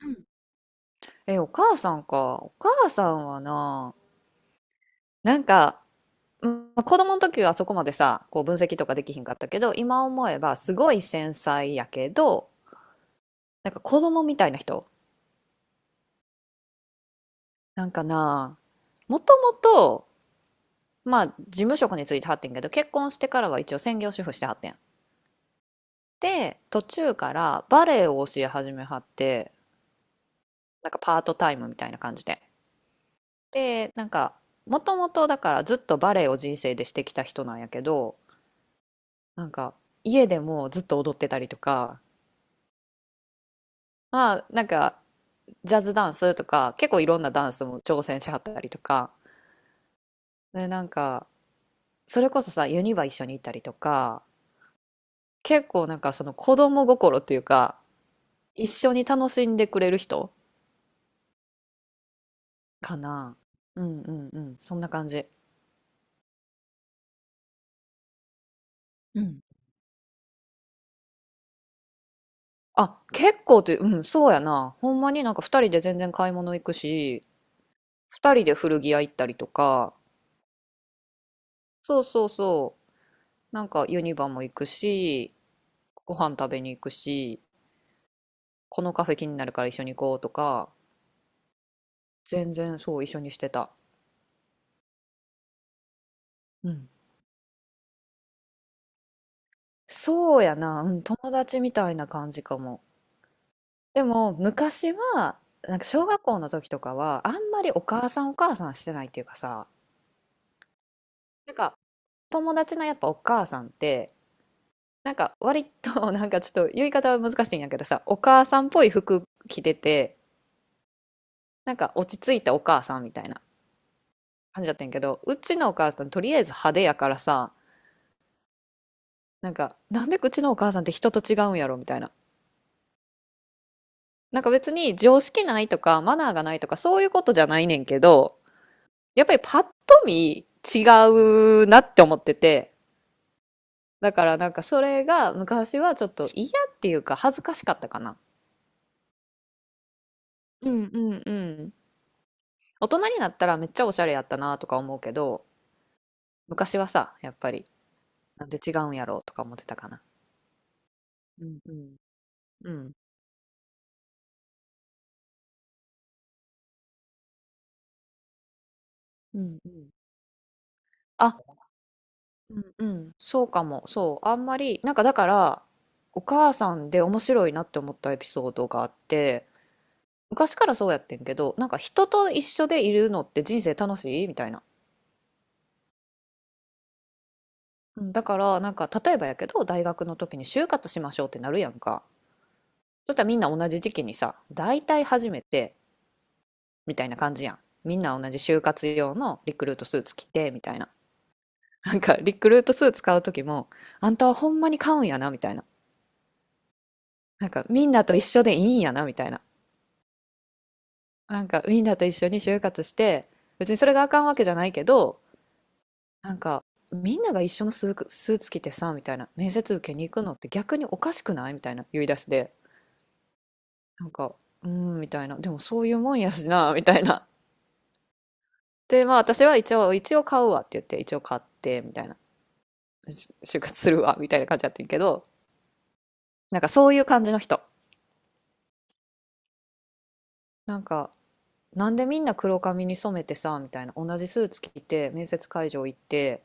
うん。え、お母さんか。お母さんはな、なんか、うん、まあ子供の時はそこまでさ、こう分析とかできひんかったけど、今思えばすごい繊細やけど、なんか子供みたいな人。なんかな、もともと、まあ事務職に就いてはってんけど、結婚してからは一応専業主婦してはってん。で、途中からバレエを教え始めはって、なんかパートタイムみたいな感じで。で、なんか、もともとだからずっとバレエを人生でしてきた人なんやけど、なんか家でもずっと踊ってたりとか、まあなんかジャズダンスとか結構いろんなダンスも挑戦しはったりとか、でなんかそれこそさユニバ一緒に行ったりとか、結構なんかその子供心っていうか一緒に楽しんでくれる人かな。うんうんうん、そんな感じ。うん。あ、結構って、うん、そうやな。ほんまになんか二人で全然買い物行くし、二人で古着屋行ったりとか、そうそうそう、なんかユニバも行くし、ご飯食べに行くし、このカフェ気になるから一緒に行こうとか、全然そう一緒にしてた。うん。そうやな、うん、友達みたいな感じかも。でも昔は、なんか小学校の時とかは、あんまりお母さんお母さんしてないっていうかさ、なんか友達のやっぱお母さんって、なんか割と なんかちょっと言い方は難しいんやけどさ、お母さんっぽい服着てて、なんか落ち着いたお母さんみたいな感じだったんやけど、うちのお母さんとりあえず派手やからさ、なんか、なんでうちのお母さんって人と違うんやろみたいな。なんか別に常識ないとかマナーがないとかそういうことじゃないねんけど、やっぱりパッと見違うなって思ってて、だからなんかそれが昔はちょっと嫌っていうか恥ずかしかったかな。うんうんうん。大人になったらめっちゃおしゃれやったなとか思うけど、昔はさ、やっぱりなんで違うんやろうとか思ってたかな。うんうん。うんうんうん。うんうん、そうかも、そう、あんまり、なんかだから、お母さんで面白いなって思ったエピソードがあって、昔からそうやってんけど、なんか人と一緒でいるのって人生楽しいみたいな。うん、だから、なんか例えばやけど、大学の時に就活しましょうってなるやんか。そしたらみんな同じ時期にさ、大体初めてみたいな感じやん。みんな同じ就活用のリクルートスーツ着てみたいな。なんかリクルートスーツ買う時も、あんたはほんまに買うんやなみたいな。なんかみんなと一緒でいいんやなみたいな。なんかウィンダーと一緒に就活して、別にそれがあかんわけじゃないけど、なんかみんなが一緒のスーツ着てさ、みたいな、面接受けに行くのって逆におかしくないみたいな言い出しで、なんか、うーん、みたいな、でもそういうもんやしな、みたいな。で、まあ私は一応、一応買うわって言って、一応買って、みたいな、就活するわ、みたいな感じだったけど、なんかそういう感じの人。なんか、なんでみんな黒髪に染めてさ、みたいな、同じスーツ着て、面接会場行って、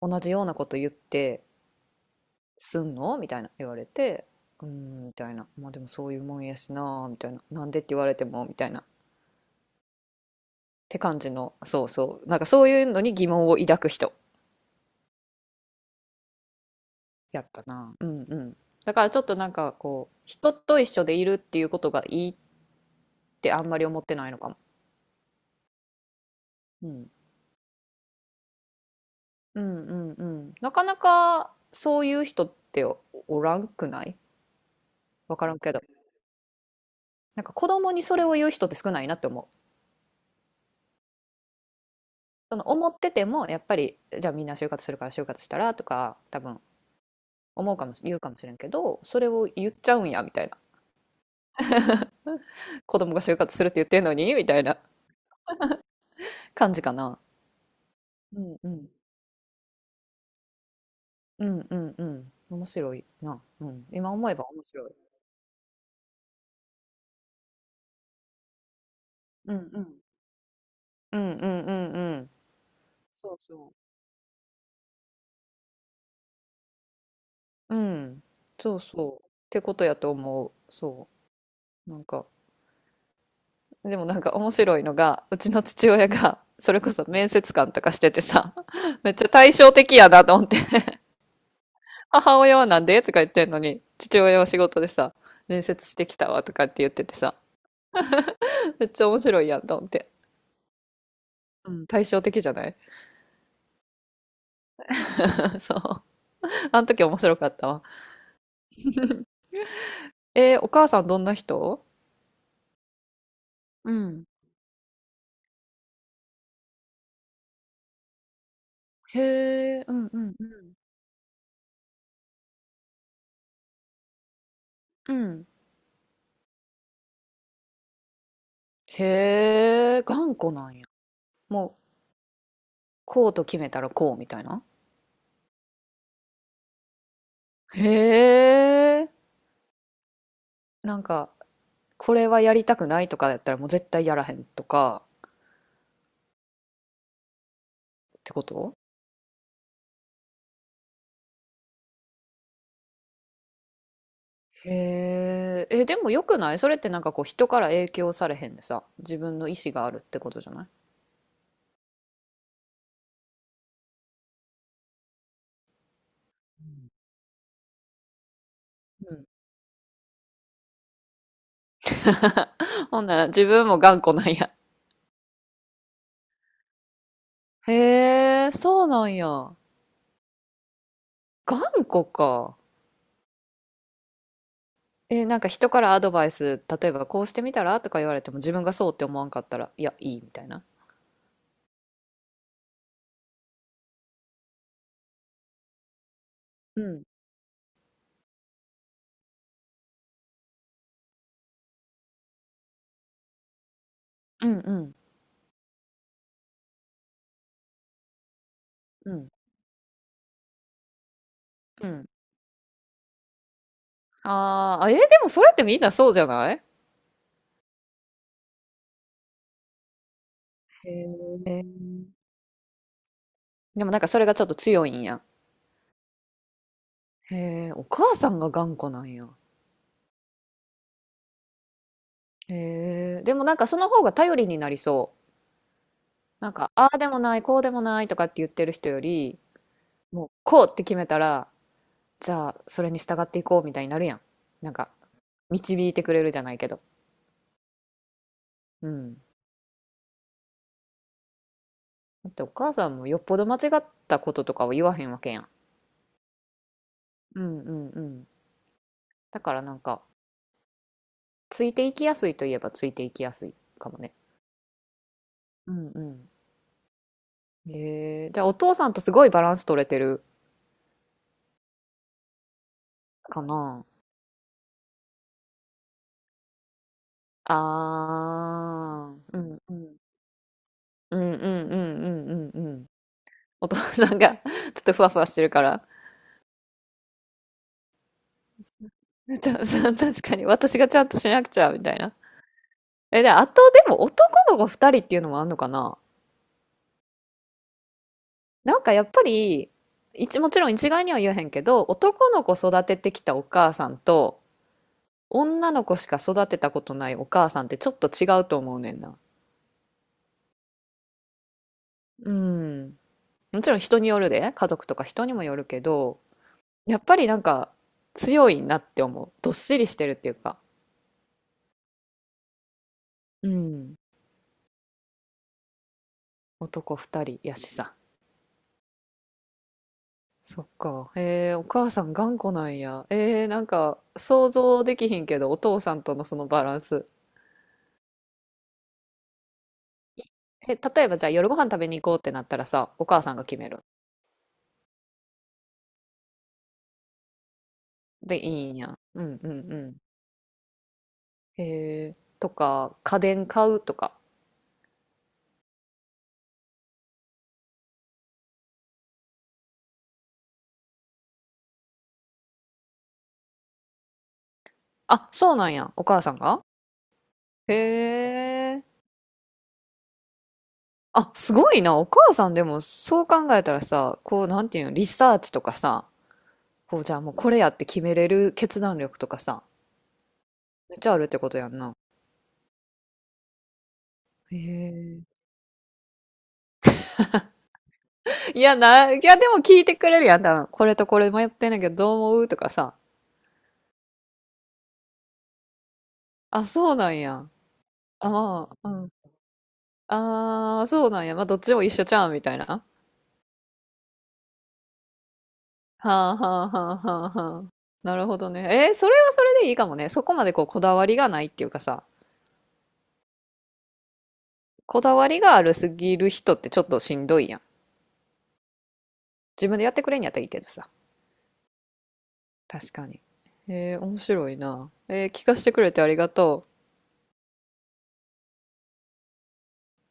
同じようなこと言って、すんのみたいな言われて、うーん、みたいな。まあでもそういうもんやしな、みたいな。なんでって言われても、みたいな。って感じの、そうそう。なんかそういうのに疑問を抱く人やったな。うんうん。だからちょっとなんかこう、人と一緒でいるっていうことがいいってあんまり思ってないのかも。うん。うんうんうん。なかなかそういう人っておらんくない？わからんけど。なんか子供にそれを言う人って少ないなって思う。その思っててもやっぱりじゃあみんな就活するから就活したらとか多分思うかもし、言うかもしれんけど、それを言っちゃうんや、みたいな。子供が就活するって言ってんのに、みたいな感じかな。うんうん。うんうんうん。面白いな。うん。今思えば面白い。うんうん。うんうんうんうん。そうそう。うん。そうそう。ってことやと思う。そう。なんか、でもなんか面白いのが、うちの父親が、それこそ面接官とかしててさ、めっちゃ対照的やなと思って。母親はなんでとか言ってんのに、父親は仕事でさ、面接してきたわとかって言っててさ、めっちゃ面白いやんと思って。うん、対照的じゃない？ そう。あの時面白かったわ。えー、お母さんどんな人？うん。へえ、うんうんうん。うん。へえ、頑固なんや。もう、こうと決めたらこうみたいな。へえ、なんか、これはやりたくないとかやったらもう絶対やらへんとかってこと？へえ、え、でもよくない、それって？なんかこう人から影響されへんでさ、自分の意思があるってことじゃない？うん。ほんなら自分も頑固なんや。へえ、そうなんや。頑固か。え、なんか人からアドバイス、例えばこうしてみたらとか言われても自分がそうって思わんかったら、いや、いいみたいな。うん。うんうんうんうん。あーあ、え、でもそれってみんなそうじゃない？へえ。へえ。でもなんかそれがちょっと強いんや。へえ、お母さんが頑固なんや。へえ、でもなんかその方が頼りになりそう。なんか、ああでもない、こうでもないとかって言ってる人より、もうこうって決めたら、じゃあそれに従っていこうみたいになるやん。なんか、導いてくれるじゃないけど。うん。だってお母さんもよっぽど間違ったこととかを言わへんわけやん。うんうんうん。だからなんか、ついていきやすいといえばついていきやすいかもね。うんうん。へえ、じゃあお父さんとすごいバランス取れてるかな。ああ、うんうん。うんうんうんうんうんうん。お父さんが ちょっとふわふわしてるから。ちゃ、そう、確かに私がちゃんとしなくちゃみたいな。え、で、あとでも男の子2人っていうのもあんのかな？なんかやっぱり、もちろん一概には言えへんけど、男の子育ててきたお母さんと、女の子しか育てたことないお母さんってちょっと違うと思うねんな。うん。もちろん人によるで、家族とか人にもよるけど、やっぱりなんか強いなって思う。どっしりしてるっていうか。うん。男二人やしさ。そっか。ええ、お母さん頑固なんや。えー、なんか想像できひんけど、お父さんとのそのバランス。え、例えばじゃあ夜ご飯食べに行こうってなったらさ、お母さんが決める？で、いいんや。うんうんうん。へえ、とか、家電買うとか。あ、そうなんや。お母さんが？へえ。あ、すごいな。お母さんでもそう考えたらさ、こう、なんていうの、リサーチとかさ、こう、じゃあもうこれやって決めれる決断力とかさ、めっちゃあるってことやんな。へえ。いやな、いやでも聞いてくれるやん、多分。これとこれ迷ってんねんけど、どう思うとかさ。あ、そうなんや。あ、まあ、うん。ああ、そうなんや。まあ、どっちも一緒ちゃうんみたいな。はあ、はあ、はあ、はあ、はあ。なるほどね。えー、それはそれでいいかもね。そこまでこう、こだわりがないっていうかさ、こだわりがあるすぎる人ってちょっとしんどいやん。自分でやってくれんやったらいいけどさ。確かに。えー面白いな。えー聞かせてくれてありがとう。